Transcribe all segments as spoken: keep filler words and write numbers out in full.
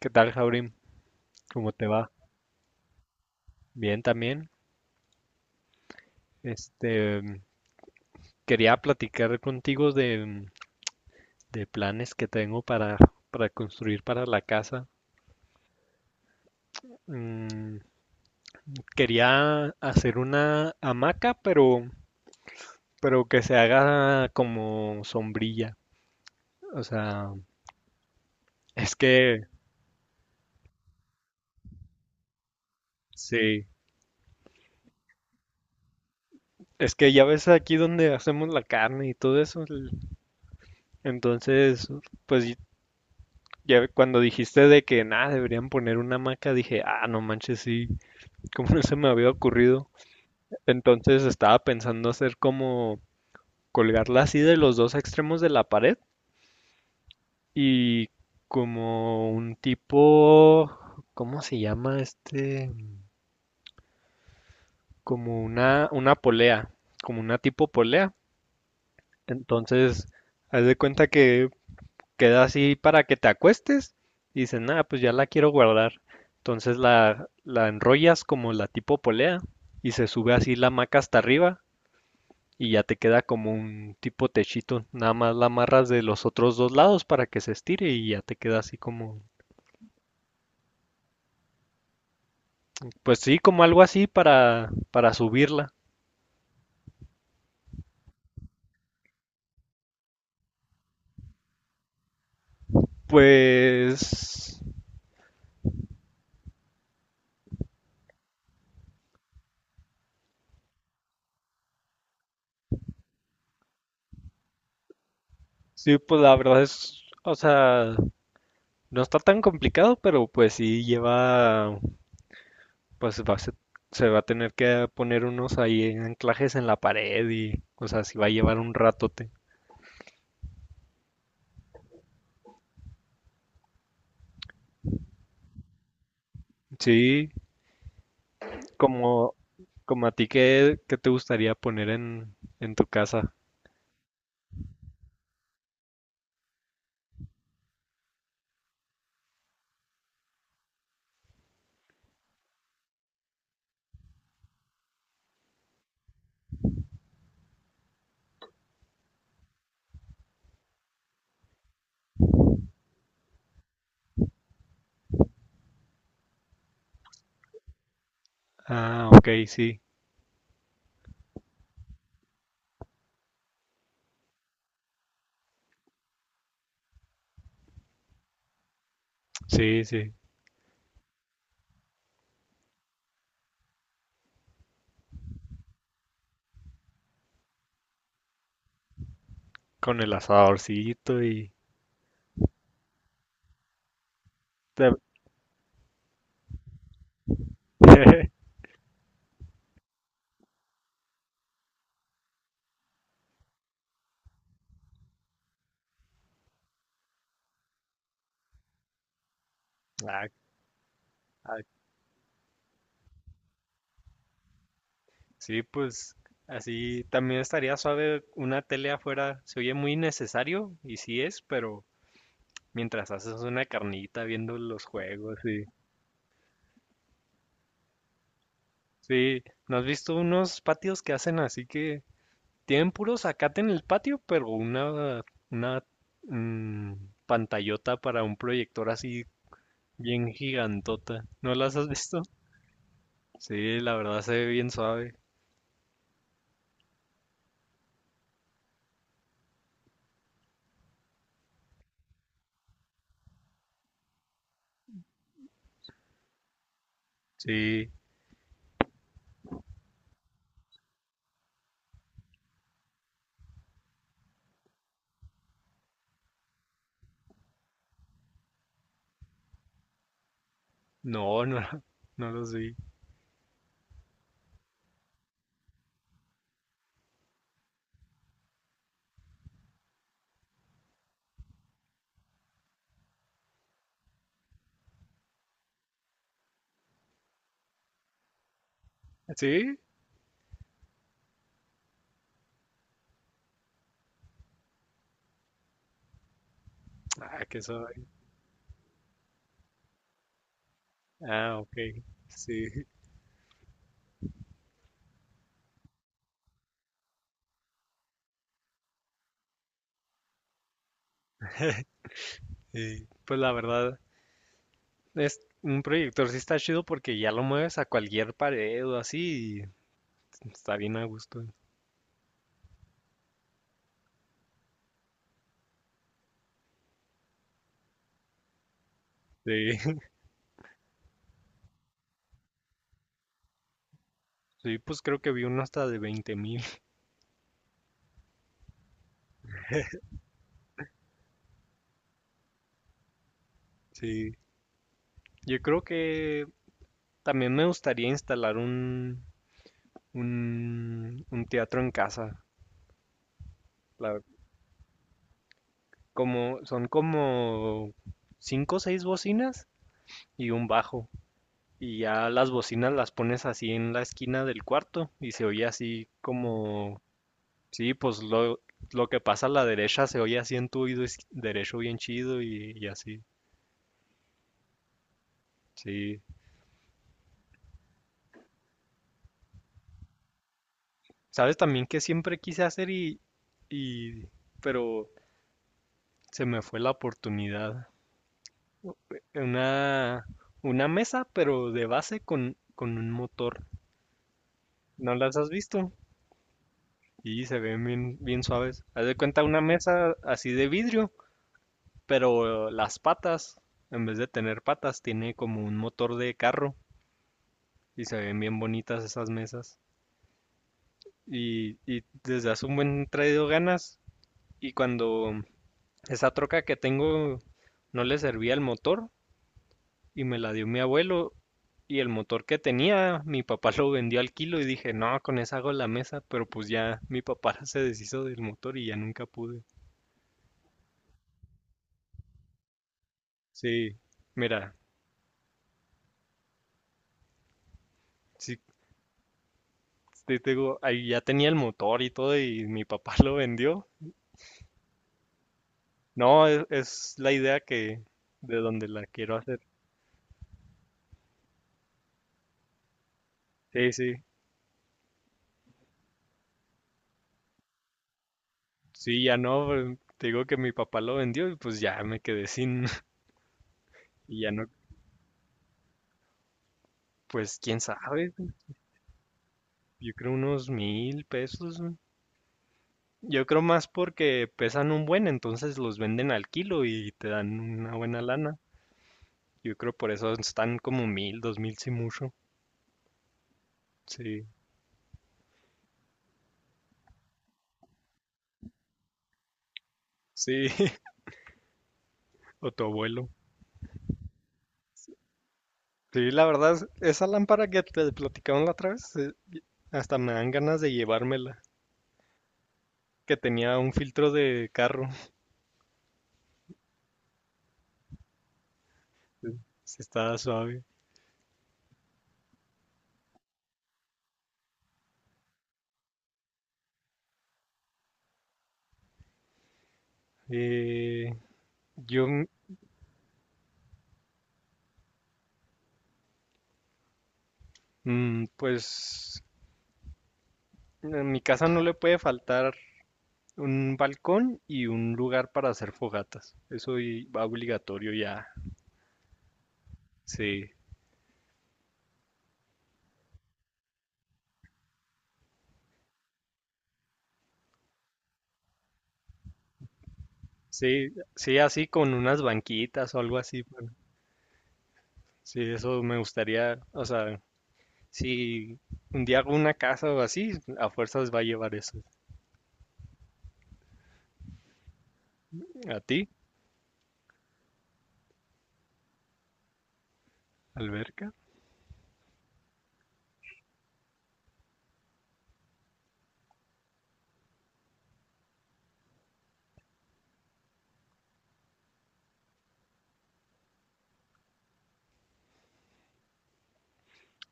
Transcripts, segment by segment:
¿Qué tal, Jaurim? ¿Cómo te va? Bien también. Este, Quería platicar contigo de, de planes que tengo para, para construir para la casa. Mm, Quería hacer una hamaca, pero, pero que se haga como sombrilla. O sea, es que, sí, es que ya ves aquí donde hacemos la carne y todo eso. el- Entonces, pues ya cuando dijiste de que nada, deberían poner una hamaca, dije, ah, no manches, sí. Como no se me había ocurrido. Entonces estaba pensando hacer como colgarla así de los dos extremos de la pared, y como un tipo, ¿cómo se llama, este? Como una, una polea, como una tipo polea. Entonces, haz de cuenta que queda así para que te acuestes y dices, nada, pues ya la quiero guardar. Entonces la, la enrollas como la tipo polea y se sube así la hamaca hasta arriba, y ya te queda como un tipo techito, nada más la amarras de los otros dos lados para que se estire y ya te queda así como, pues sí, como algo así para, para subirla. Pues sí, pues la verdad es, o sea, no está tan complicado, pero pues sí lleva, pues va a ser- se va a tener que poner unos ahí anclajes en la pared y, o sea, sí va a llevar un ratote. Sí, como, como a ti, ¿qué, ¿qué te gustaría poner en, en tu casa? Ah, ok, sí, sí, sí, con el asadorcito y... ta- ah, ah, sí, pues así también estaría suave una tele afuera, se oye muy necesario y sí es, pero mientras haces una carnita viendo los juegos y... Sí, ¿no has visto unos patios que hacen así que tienen puro zacate en el patio, pero una, una mm, pantallota para un proyector así bien gigantota? ¿No las has visto? Sí, la verdad se ve bien suave. Sí, no, no, no los vi. ¿Sí? Ah, qué suave. Ah, ok. Sí, sí. Pues la verdad, es un proyector, sí está chido porque ya lo mueves a cualquier pared o así y está bien a gusto. Sí, sí, pues creo que vi uno hasta de veinte mil. Sí. Yo creo que también me gustaría instalar un, un, un teatro en casa. La- Como, son como cinco o seis bocinas y un bajo. Y ya las bocinas las pones así en la esquina del cuarto y se oye así como... Sí, pues lo, lo que pasa a la derecha se oye así en tu oído is- derecho, bien chido, y, y así. Sí. ¿Sabes también que siempre quise hacer y, y... pero se me fue la oportunidad? Una, una mesa, pero de base con, con un motor. ¿No las has visto? Y se ven bien, bien suaves. Haz de cuenta una mesa así de vidrio. Pero las patas, en vez de tener patas, tiene como un motor de carro, y se ven bien bonitas esas mesas. Y, y desde hace un buen traído ganas. Y cuando esa troca que tengo no le servía el motor y me la dio mi abuelo, y el motor que tenía, mi papá lo vendió al kilo y dije, no, con esa hago la mesa, pero pues ya mi papá se deshizo del motor y ya nunca pude. Sí, mira, sí, te digo, ahí ya tenía el motor y todo y mi papá lo vendió. No, es, es la idea que de donde la quiero hacer. Sí, sí. Sí, ya no, pues, te digo que mi papá lo vendió y pues ya me quedé sin. y ya no, pues quién sabe. Yo creo unos mil pesos, ¿no? Yo creo más porque pesan un buen, entonces los venden al kilo y te dan una buena lana. Yo creo por eso están como mil, dos mil si mucho. Sí, sí, o tu abuelo. Sí, la verdad, esa lámpara que te platicaban la otra vez, eh, hasta me dan ganas de llevármela. Que tenía un filtro de carro. Sí, estaba suave. Eh, yo, mm, mm, pues, en mi casa no le puede faltar un balcón y un lugar para hacer fogatas. Eso y- va obligatorio ya. Sí, sí, sí, así con unas banquitas o algo así, pero... Sí, eso me gustaría, o sea, si un día hago una casa o así, a fuerzas va a llevar eso. ¿A ti? ¿Alberca?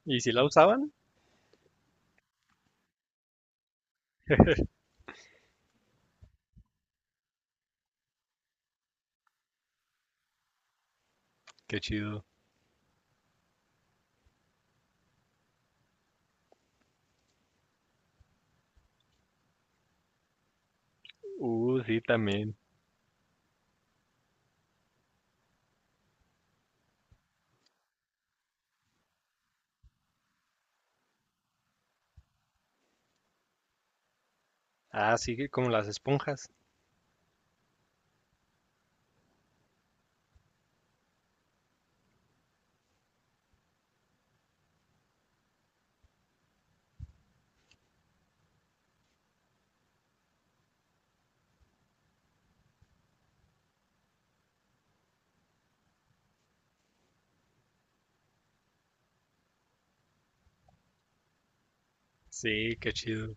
¿Y si la usaban? Qué chido. Uh, sí, también. Ah, sí, que como las esponjas. Sí, qué chido.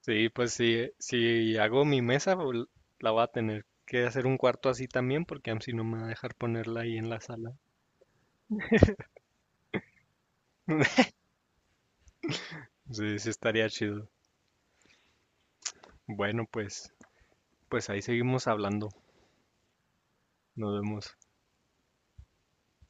Sí, pues sí, si hago mi mesa, vol- la voy a tener que hacer un cuarto así también, porque am- si no me va a dejar ponerla ahí en la sala. Sí, sí estaría chido. Bueno, pues, pues, ahí seguimos hablando. Nos vemos.